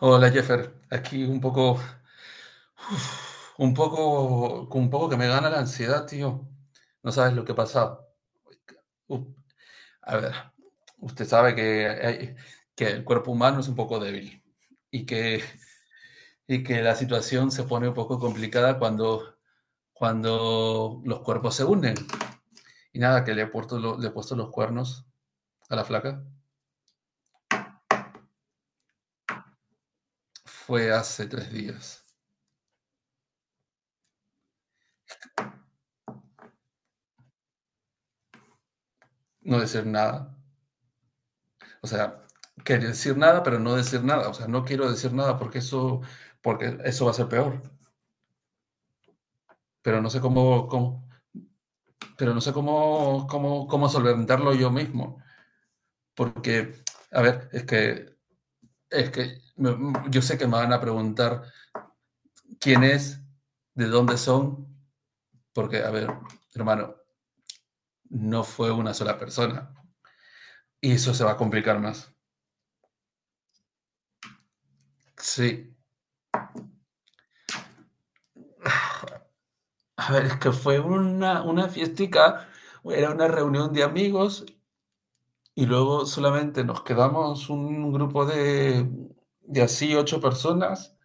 Hola Jeffer, aquí un poco, un poco, un poco que me gana la ansiedad, tío. No sabes lo que pasa. Uh, a ver, usted sabe que que el cuerpo humano es un poco débil y que, y que la situación se pone un poco complicada cuando los cuerpos se unen. Y nada, que le he le he puesto los cuernos a la flaca. Fue hace 3 días. No decir nada. O sea, querer decir nada, pero no decir nada. O sea, no quiero decir nada porque eso va a ser peor. Pero no sé cómo, pero no sé cómo solventarlo yo mismo. Porque, a ver, es que yo sé que me van a preguntar quién es, de dónde son, porque, a ver, hermano, no fue una sola persona. Y eso se va a complicar más. Sí. A ver, es que fue una fiestica, era una reunión de amigos. Y luego solamente nos quedamos un grupo de así 8 personas.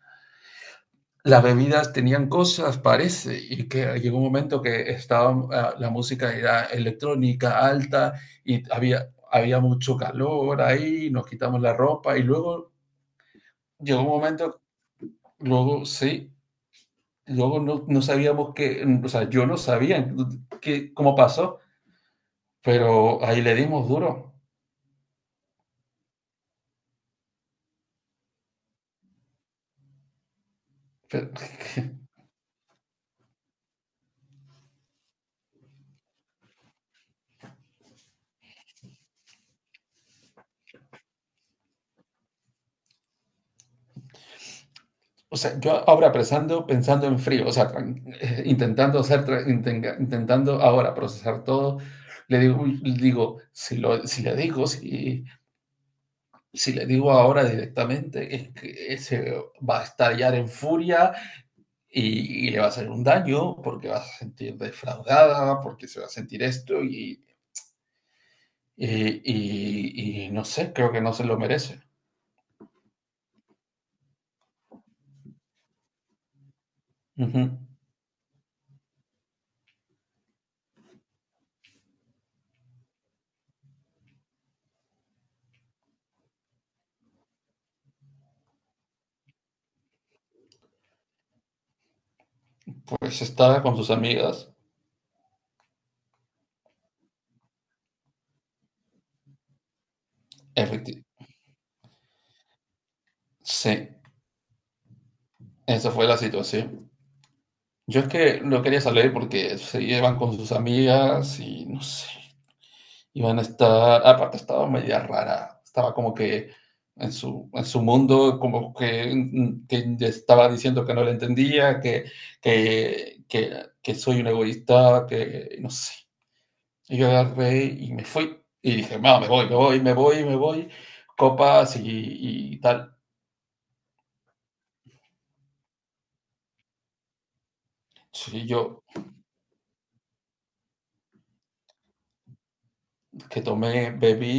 Las bebidas tenían cosas, parece, y que llegó un momento que estaba la música era electrónica alta y había mucho calor ahí, nos quitamos la ropa y luego llegó un momento, luego sí, luego no sabíamos qué, o sea, yo no sabía qué, cómo pasó, pero ahí le dimos duro. Pero- O sea, yo ahora pensando, pensando en frío, o sea, intentando intentando ahora procesar todo, le digo, uy, le digo, si le digo ahora directamente, es que se va a estallar en furia y le va a hacer un daño porque va a sentir defraudada, porque se va a sentir esto y, y no sé, creo que no se lo merece. Ujú. Pues estaba con sus amigas, efecti- sí, esa fue la situación. Yo es que lo quería salir porque se llevan con sus amigas y no sé, iban a estar, aparte estaba media rara, estaba como que en en su mundo, como que, que ya estaba diciendo que no le entendía, que soy un egoísta, que no sé. Y yo agarré y me fui y dije, no, me voy, me voy, me voy, me voy, copas y tal. Sí, yo que tomé, bebí,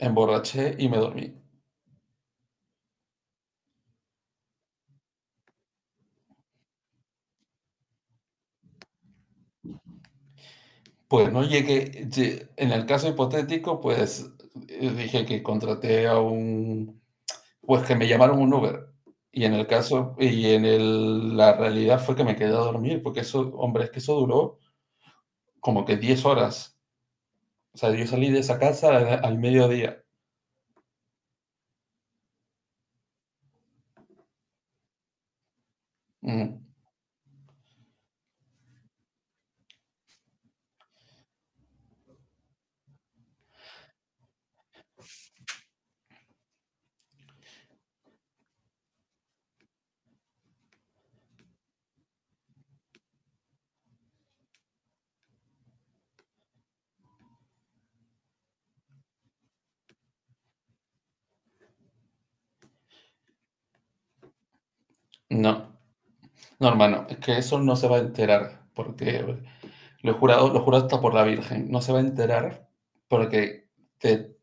emborraché y me dormí. Pues no llegué, en el caso hipotético, pues dije que pues que me llamaron un Uber. Y en el caso, y en el- la realidad fue que me quedé a dormir, porque eso, hombre, es que eso duró como que 10 horas. O sea, yo salí de esa casa al, mediodía. Mm, no, no, hermano, es que eso no se va a enterar, porque lo he jurado, lo juro hasta por la Virgen, no se va a enterar porque te-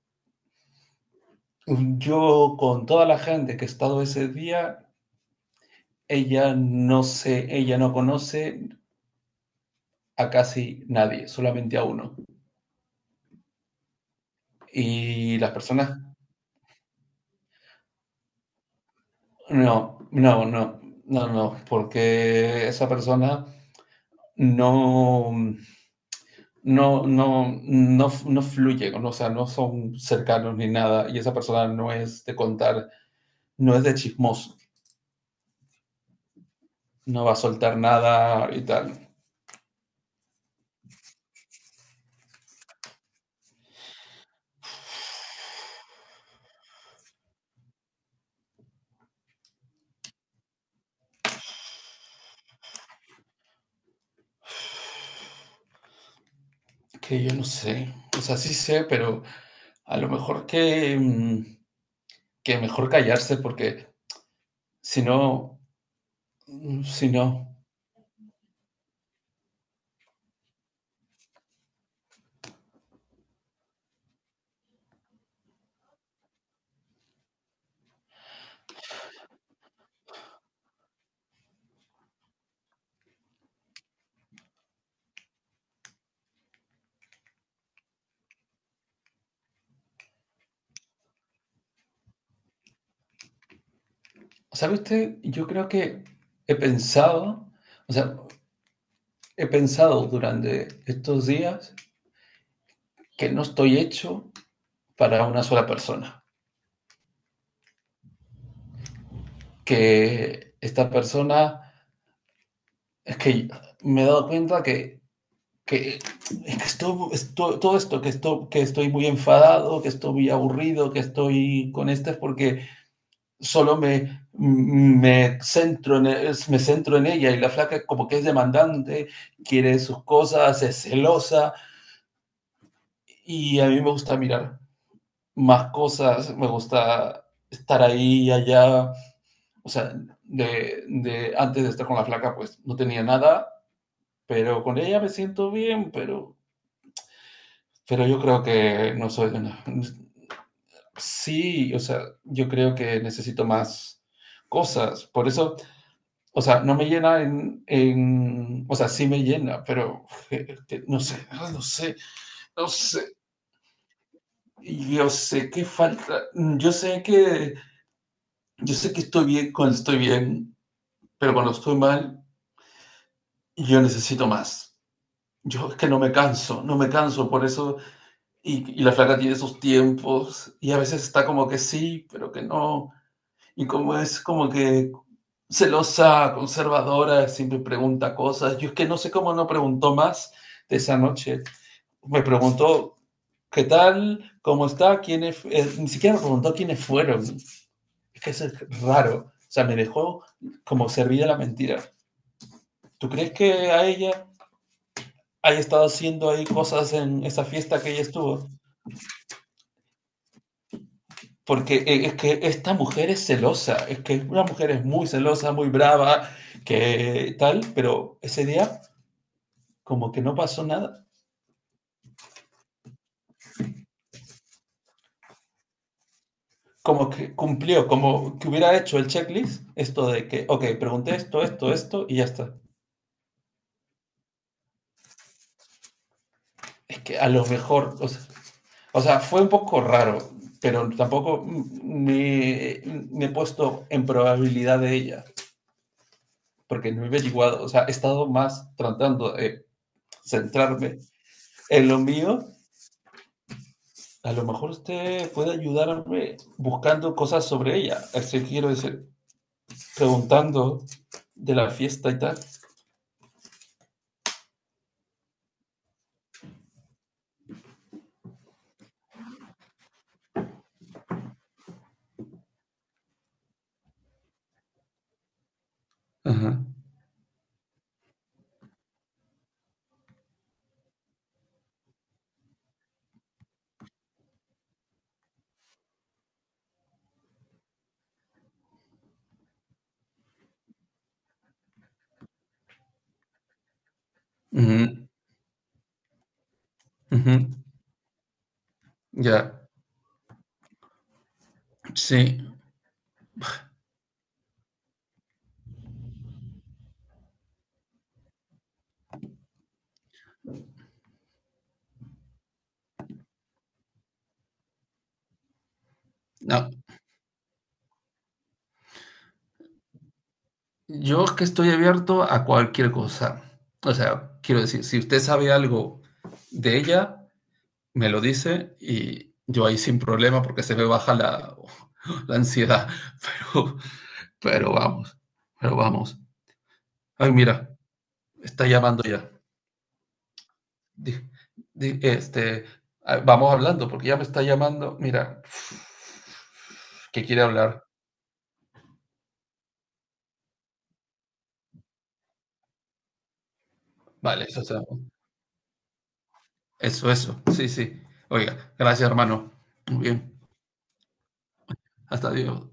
yo con toda la gente que he estado ese día. Ella no se, ella no conoce a casi nadie, solamente a uno. Y las personas, no, no, no, no, no, porque esa persona no, no, no, no, no fluye, ¿no? O sea, no son cercanos ni nada, y esa persona no es de contar, no es de chismoso, no va a soltar nada y tal, que yo no sé, o sea, sí sé, pero a lo mejor que, que mejor callarse, porque si no, mm. Sí, no. ¿Sabe usted? Yo creo que he pensado, o sea, he pensado durante estos días que no estoy hecho para una sola persona. Que esta persona, es que me he dado cuenta que, es que todo esto, que estoy muy enfadado, que estoy muy aburrido, que estoy con este, es porque solo centro en, me centro en ella y la flaca como que es demandante, quiere sus cosas, es celosa. Y a mí me gusta mirar más cosas, me gusta estar ahí, y allá, o sea, de antes de estar con la flaca pues no tenía nada, pero con ella me siento bien, pero yo creo que no soy una... Sí, o sea, yo creo que necesito más cosas, por eso. O sea, no me llena en, o sea, sí me llena, pero que no sé, ah, no sé, no sé. Y yo sé que falta, mm, yo sé que estoy bien cuando estoy bien, pero cuando estoy mal, yo necesito más. Yo es que no me canso, no me canso, por eso, y la flaca tiene esos tiempos, y a veces está como que sí, pero que no, y como es como que celosa, conservadora, siempre pregunta cosas, yo es que no sé cómo no preguntó más de esa noche, me preguntó qué tal, cómo está, quiénes, ni siquiera me preguntó quiénes fueron. Es que eso es raro. O sea, me dejó como servida la mentira. ¿Tú crees que a ella haya estado haciendo ahí cosas en esa fiesta que ella estuvo? Porque es que esta mujer es celosa, es que una mujer es muy celosa, muy brava, que tal, pero ese día como que no pasó nada, como que cumplió, como que hubiera hecho el checklist, esto de que, ok, pregunté esto, esto, esto y ya está. Es que a lo mejor, o sea, fue un poco raro, pero tampoco me he puesto en probabilidad de ella, porque no he averiguado, o sea, he estado más tratando de centrarme en lo mío. A lo mejor usted puede ayudarme buscando cosas sobre ella, así quiero decir, preguntando de la fiesta y tal. Ajá. Ujú, ujú. Ya, yeah. Sí. No, yo es que estoy abierto a cualquier cosa. O sea, quiero decir, si usted sabe algo de ella, me lo dice y yo ahí sin problema porque se me baja la, la ansiedad. Pero, pero vamos, pero vamos. Ay, mira, está llamando ya. Di- Este, vamos hablando porque ya me está llamando. Mira, que quiere hablar. Vale, eso, o sea, eso, eso. Sí, sí. Oiga, gracias, hermano. Muy bien. Hasta luego.